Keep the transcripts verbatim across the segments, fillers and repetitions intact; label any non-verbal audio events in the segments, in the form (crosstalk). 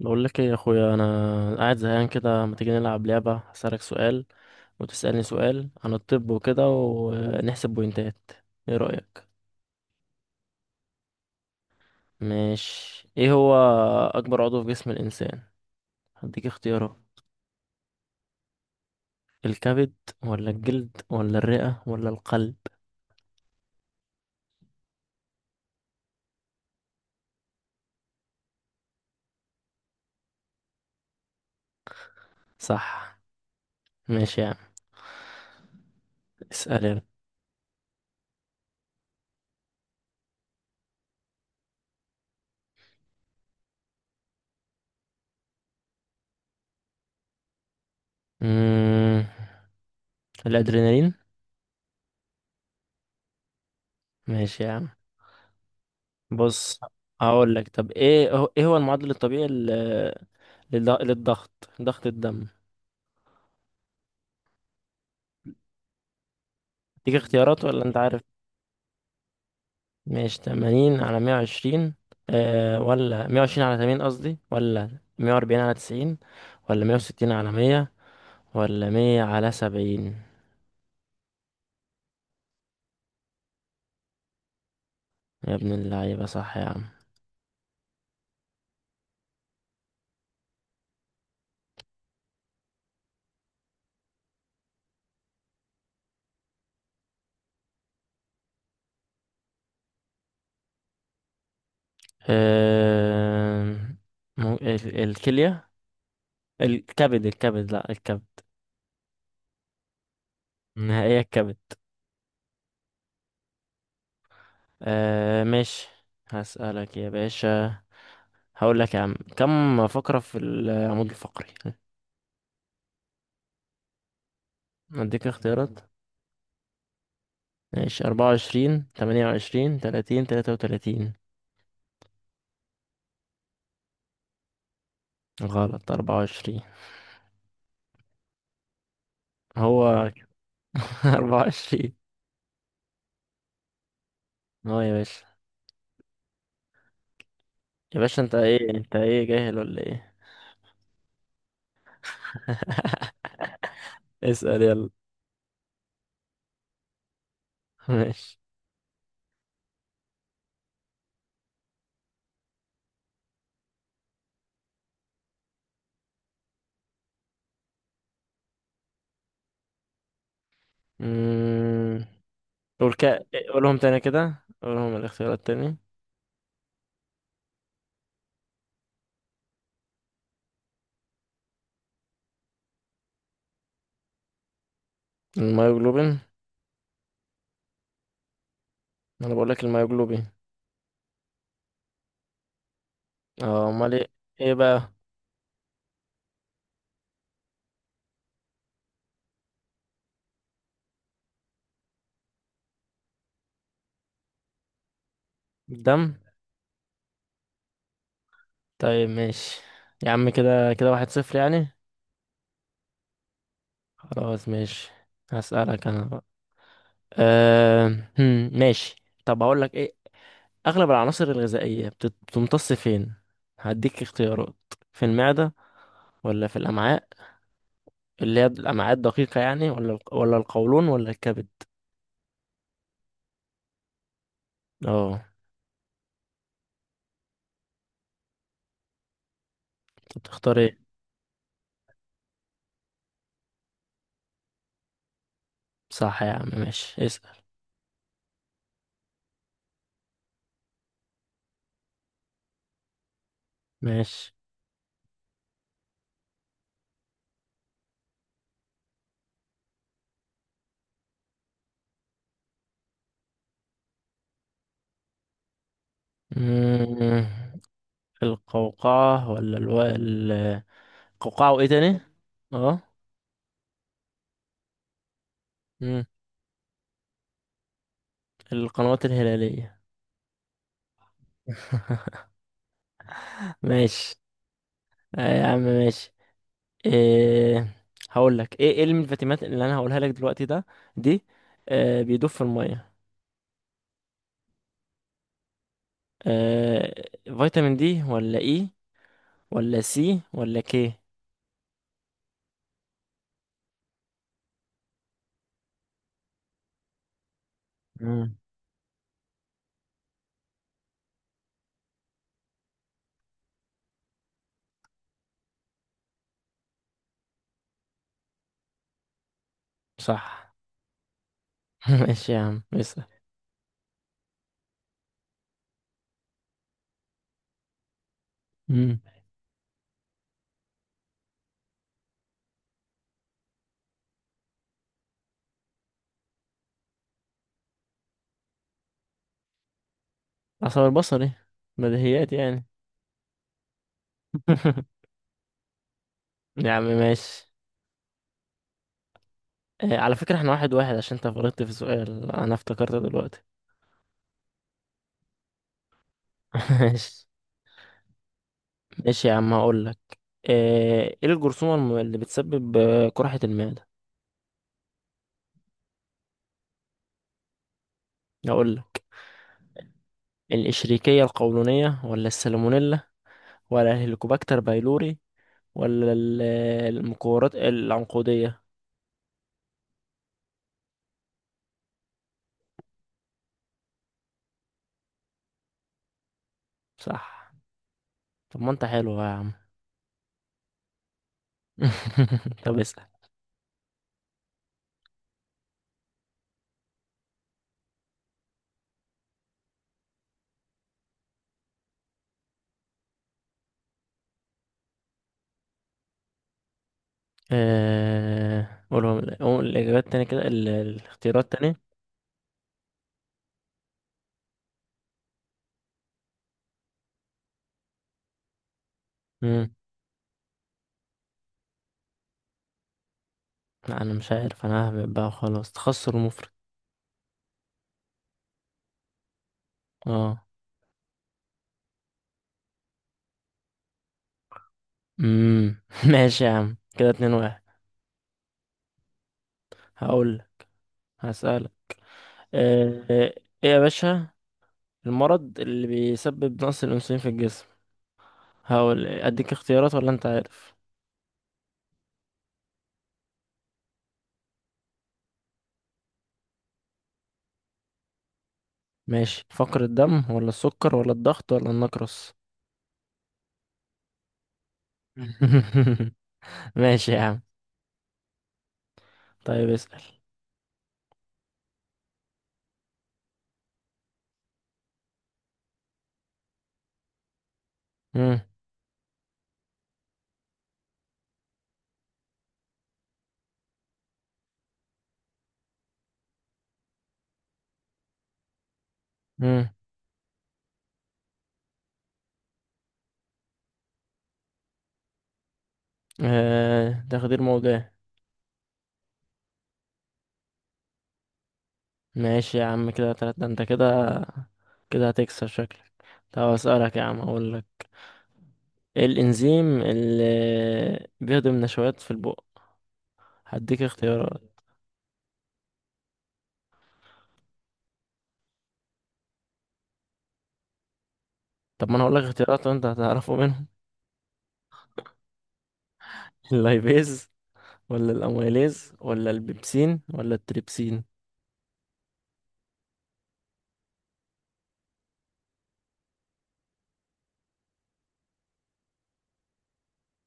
بقول لك ايه يا اخويا، انا قاعد زهقان كده، ما تيجي نلعب لعبه؟ هسألك سؤال وتسألني سؤال عن الطب وكده ونحسب بوينتات، ايه رأيك؟ ماشي. ايه هو اكبر عضو في جسم الانسان؟ هديك اختيارات. الكبد ولا الجلد ولا الرئه ولا القلب؟ صح. ماشي يا عم. اسأل يلا. مم... الادرينالين. ماشي يا عم. بص. هقول لك. طب ايه هو- ايه هو المعدل الطبيعي لل- للض- للضغط، ضغط الدم. تيجي اختيارات ولا انت عارف؟ ماشي، تمانين على مئة وعشرين، آه، ولا مئة وعشرين على ثمانين قصدي، ولا مئة وأربعين على تسعين، ولا مية وستين على مية، ولا مية على سبعين؟ يا ابن اللعيبة، صح يا عم. آه. مو- ال- الكلية. الكبد، الكبد، لا، الكبد. نهائية، الكبد. آه، ماشي. هسألك يا باشا. هقول لك يا عم، كم فقرة في العمود الفقري؟ اديك اختيارات. ماشي، أربعة وعشرين، تمانية وعشرين، تلاتين، تلاتة وتلاتين. غلط، أربعة وعشرين. هو (laughs) أربعة وعشرين. اه يا باشا، يا باشا انت ايه، انت ايه، جاهل ولا ايه؟ اسأل يلا. ماشي. مم. قول كا قولهم تاني كده، قولهم الاختيارات تاني. الميوجلوبين. انا بقول لك الميوجلوبين. اه، امال ايه؟ ايه بقى؟ الدم. طيب ماشي يا عم. كده كده، واحد صفر يعني. خلاص ماشي. هسألك انا بقى. أه... هم، ماشي. طب هقول لك ايه. اغلب العناصر الغذائيه بتت- بتمتص فين؟ هديك اختيارات. في المعده ولا في الامعاء، اللي هي الامعاء الدقيقه يعني، ولا الق- ولا القولون ولا الكبد؟ اه. طب تختار ايه؟ صح يا عم، ماشي، اسال. ماشي. مم... القوقعه ولا الو... ال- القوقعه، وايه تاني؟ اه. مم، القنوات الهلاليه. (laughs) ماشي. آه يا عم ماشي. إيه. هقول لك ايه. ايه الفيتامينات اللي انا هقولها لك دلوقتي ده، دي، آه، بيدوب في الميه. آه، فيتامين دي ولا اي ولا سي ولا كي؟ مم. صح. (laughs) ماشي يا عم اسال. مم. عصب البصري. بديهيات يعني. (laughs) يا عم ماشي. آه، على فكرة احنا واحد واحد، عشان انت غلطت في سؤال انا افتكرت دلوقتي. (laughs) ماشي. ماشي يا عم، هقول لك. آه، ايه الجرثومة الم- اللي بتسبب، آه، قرحة المعدة؟ هقول لك. الإشريكية القولونية ولا السالمونيلا ولا الهيليكوباكتر بايلوري، ولا ال- المكورات العنقودية؟ صح. طب ما انت حلو بقى يا عم. (laughs) طب اسأل. آه... قولهم، قول الإجابات تاني كده، ال- الاختيارات تاني. مم. لا أنا مش عارف، أنا ههبط بقى وخلاص، تخسر مفرط. اه. مم. (laughs) ماشي يا عم، كده اتنين واحد. هقول، هسألك. آه... ايه يا باشا المرض اللي بيسبب نقص الأنسولين في الجسم؟ هقول إيه، اديك اختيارات ولا انت عارف؟ ماشي، فقر الدم ولا السكر ولا الضغط ولا النقرس؟ (laughs) ماشي يا عم. طيب اسأل. مم. مم. آه، تخدير موضعي. ماشي يا عم، كده تلاتة انت كده كده هتكسب شكلك. طب اسألك يا عم، اقول لك. ايه الانزيم اللي بيهضم نشويات في البق؟ هديك اختيارات. طب ما انا هقول لك اختيارات، وانت هتعرفه منهم. (laughs) اللايبيز ولا الاميليز ولا البيبسين ولا التريبسين؟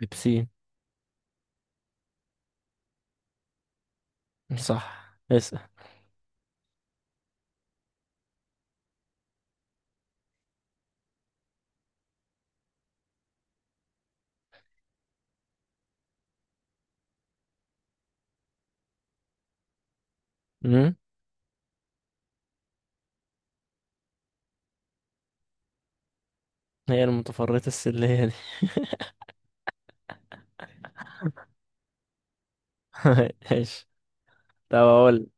بيبسين. صح. اسأل. مم؟ هي المتفرطة السلية دي. (laughs) ايش. طب اقول.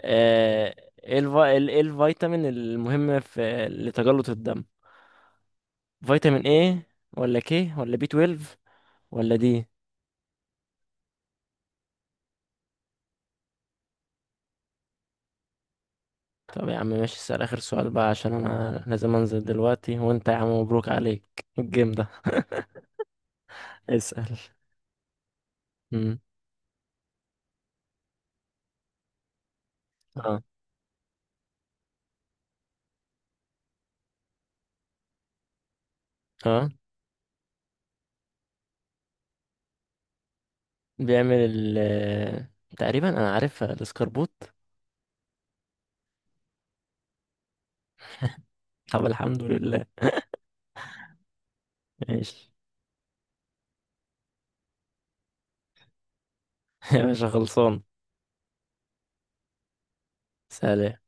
آه، ايه الف... ال- إيه الفيتامين المهم في لتجلط الدم؟ فيتامين ايه، ولا كي ولا بي اثني عشر ولا دي؟ طب يا عم ماشي، اسأل اخر سؤال بقى عشان انا لازم انزل دلوقتي، وانت يا عم مبروك عليك الجيم ده. اسأل. مم. اه. اه، بيعمل ال تقريبا انا عارفها، الاسكربوت. طب الحمد لله. ماشي. (laughs) يا باشا خلصان. سلام.